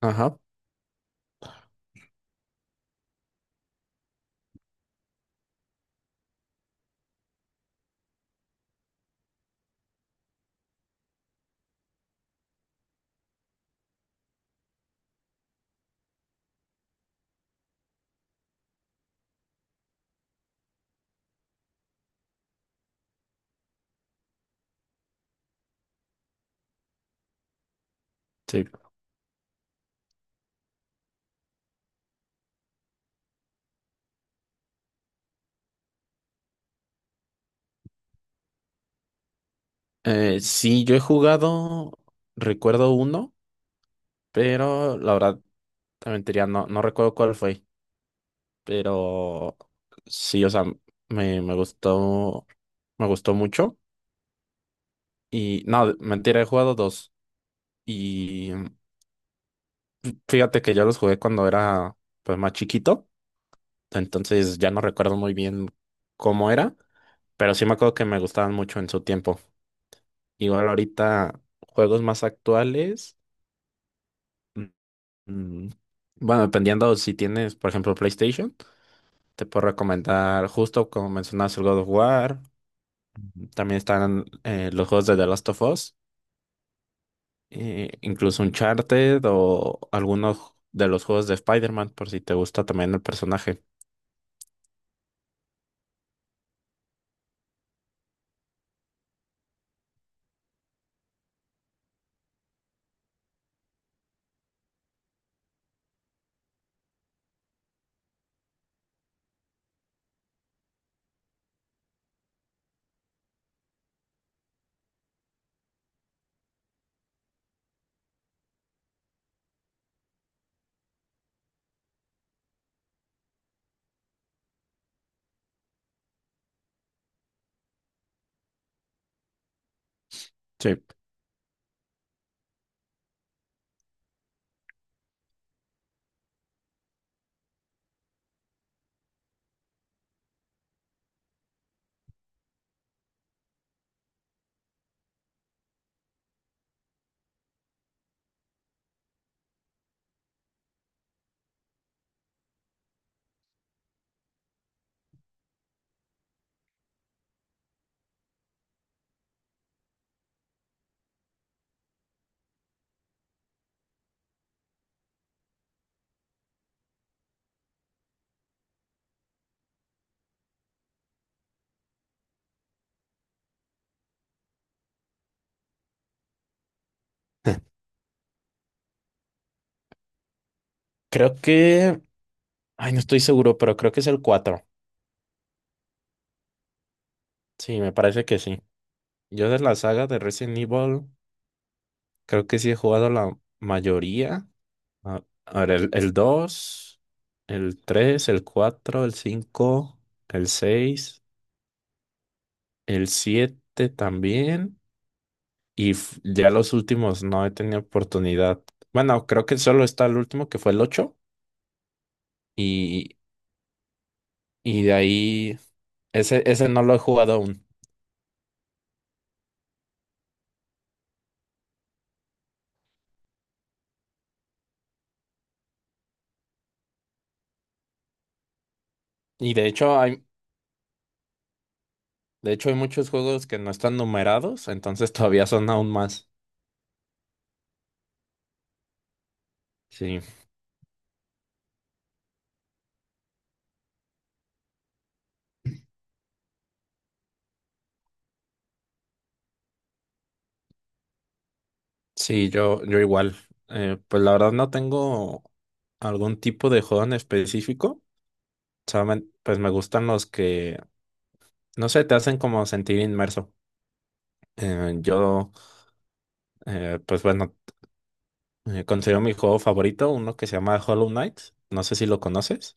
Ajá, sí. Sí, yo he jugado, recuerdo uno, pero la verdad, te mentiría, no, no recuerdo cuál fue, pero sí, o sea, me gustó, me gustó mucho y no, mentira, he jugado dos y fíjate que yo los jugué cuando era pues más chiquito, entonces ya no recuerdo muy bien cómo era, pero sí me acuerdo que me gustaban mucho en su tiempo. Igual ahorita, juegos más actuales. Mm, Bueno, dependiendo si tienes, por ejemplo, PlayStation, te puedo recomendar justo como mencionas el God of War. También están los juegos de The Last of Us, incluso Uncharted o algunos de los juegos de Spider-Man, por si te gusta también el personaje. Sí. Creo que, ay, no estoy seguro, pero creo que es el cuatro. Sí, me parece que sí. Yo de la saga de Resident Evil, creo que sí he jugado la mayoría. A ver, el dos, el tres, el cuatro, el cinco, el seis, el 7 también. Y f- ya los últimos no he tenido oportunidad. Bueno, creo que solo está el último que fue el ocho. Y, y de ahí, ese no lo he jugado aún. Y de hecho hay, de hecho hay muchos juegos que no están numerados, entonces todavía son aún más. Sí, sí, yo igual. Pues la verdad no tengo algún tipo de juego en específico. Solamente, pues me gustan los que, no sé, te hacen como sentir inmerso. Eh, yo, pues bueno, considero mi juego favorito uno que se llama Hollow Knight. No sé si lo conoces.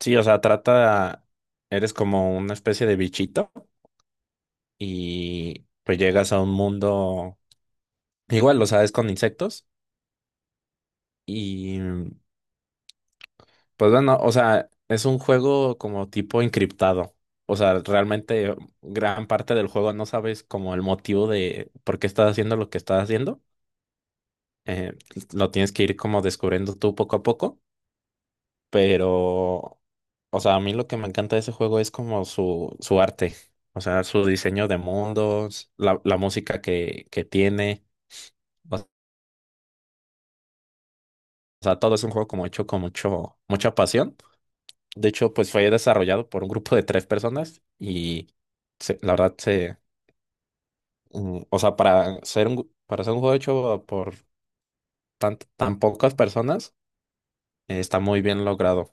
Sí, o sea, trata, eres como una especie de bichito y pues llegas a un mundo, igual, lo sabes, con insectos y pues bueno, o sea, es un juego como tipo encriptado. O sea, realmente gran parte del juego no sabes como el motivo de por qué estás haciendo lo que estás haciendo. Eh, lo tienes que ir como descubriendo tú poco a poco. Pero, o sea, a mí lo que me encanta de ese juego es como su arte. O sea, su diseño de mundos, la música que tiene. O sea, todo es un juego como hecho con mucho, mucha pasión. De hecho, pues fue desarrollado por un grupo de tres personas y se- la verdad se, o sea, para ser un, gu- para ser un juego hecho por tan pocas personas, está muy bien logrado.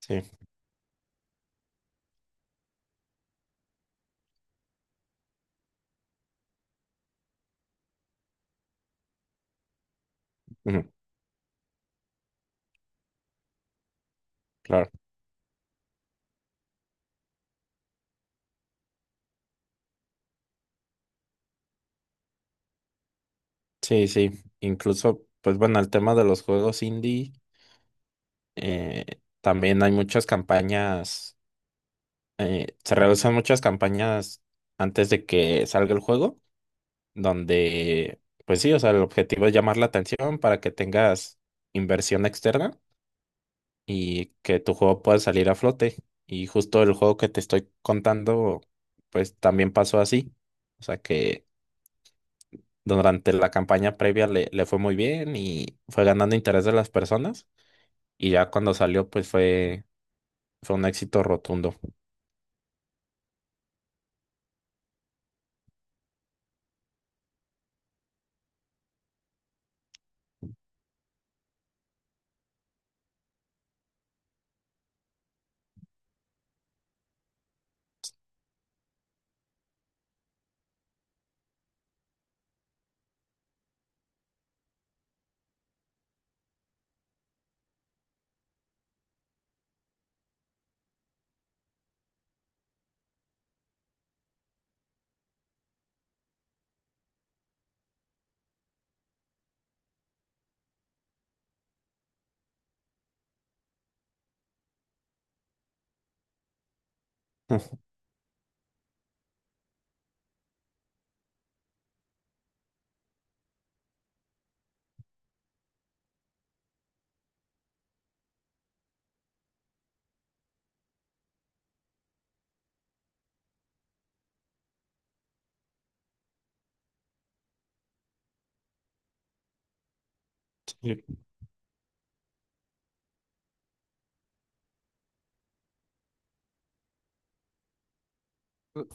Sí, ujú, claro. Sí, sí. Incluso, pues bueno, el tema de los juegos indie, eh, también hay muchas campañas, se realizan muchas campañas antes de que salga el juego donde, pues sí, o sea, el objetivo es llamar la atención para que tengas inversión externa y que tu juego pueda salir a flote. Y justo el juego que te estoy contando, pues también pasó así. O sea que durante la campaña previa le fue muy bien y fue ganando interés de las personas. Y ya cuando salió, pues fue, fue un éxito rotundo. Sí.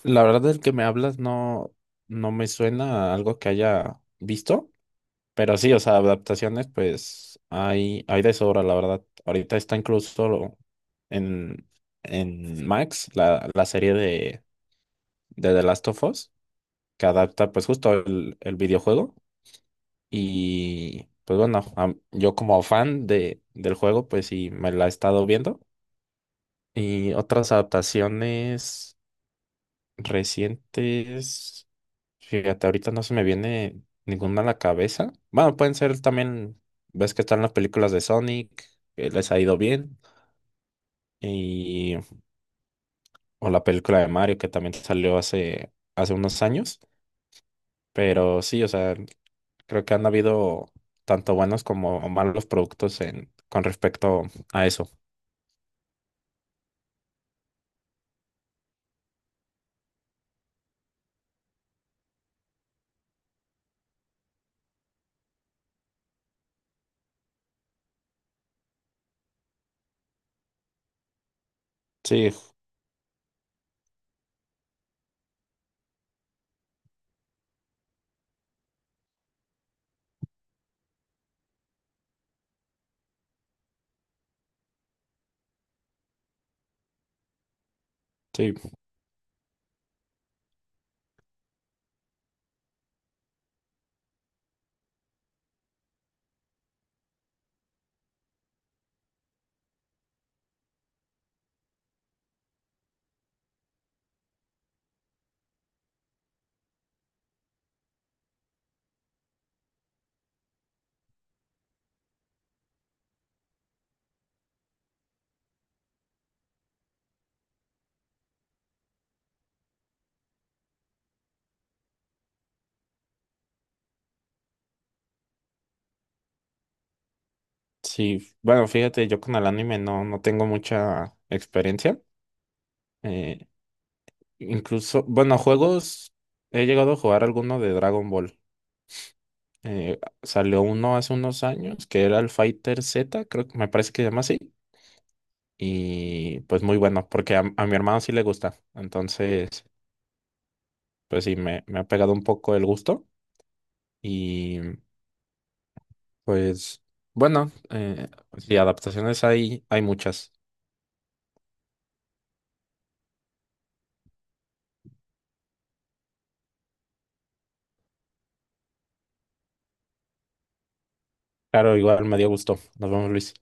La verdad del que me hablas no, no me suena a algo que haya visto. Pero sí, o sea, adaptaciones, pues hay de sobra, la verdad. Ahorita está incluso lo- en, en Max la serie de The Last of Us, que adapta pues justo el videojuego. Y pues bueno, am- yo como fan de, del juego, pues sí, me la he estado viendo. Y otras adaptaciones recientes. Fíjate, ahorita no se me viene ninguna a la cabeza. Bueno, pueden ser también, ves que están las películas de Sonic, que les ha ido bien, y, o la película de Mario, que también salió hace, hace unos años. Pero sí, o sea, creo que han habido tanto buenos como malos productos en, con respecto a eso. Sí, sí, sí. Bueno, fíjate, yo con el anime no, no tengo mucha experiencia. Eh, Incluso, bueno, juegos, he llegado a jugar alguno de Dragon Ball. Salió uno hace unos años que era el Fighter Z, creo que me parece que se llama así. Y pues muy bueno, porque a mi hermano sí le gusta. Entonces, pues sí, me ha pegado un poco el gusto. Y pues bueno, sí, adaptaciones hay, hay muchas. Claro, igual me dio gusto. Nos vemos, Luis.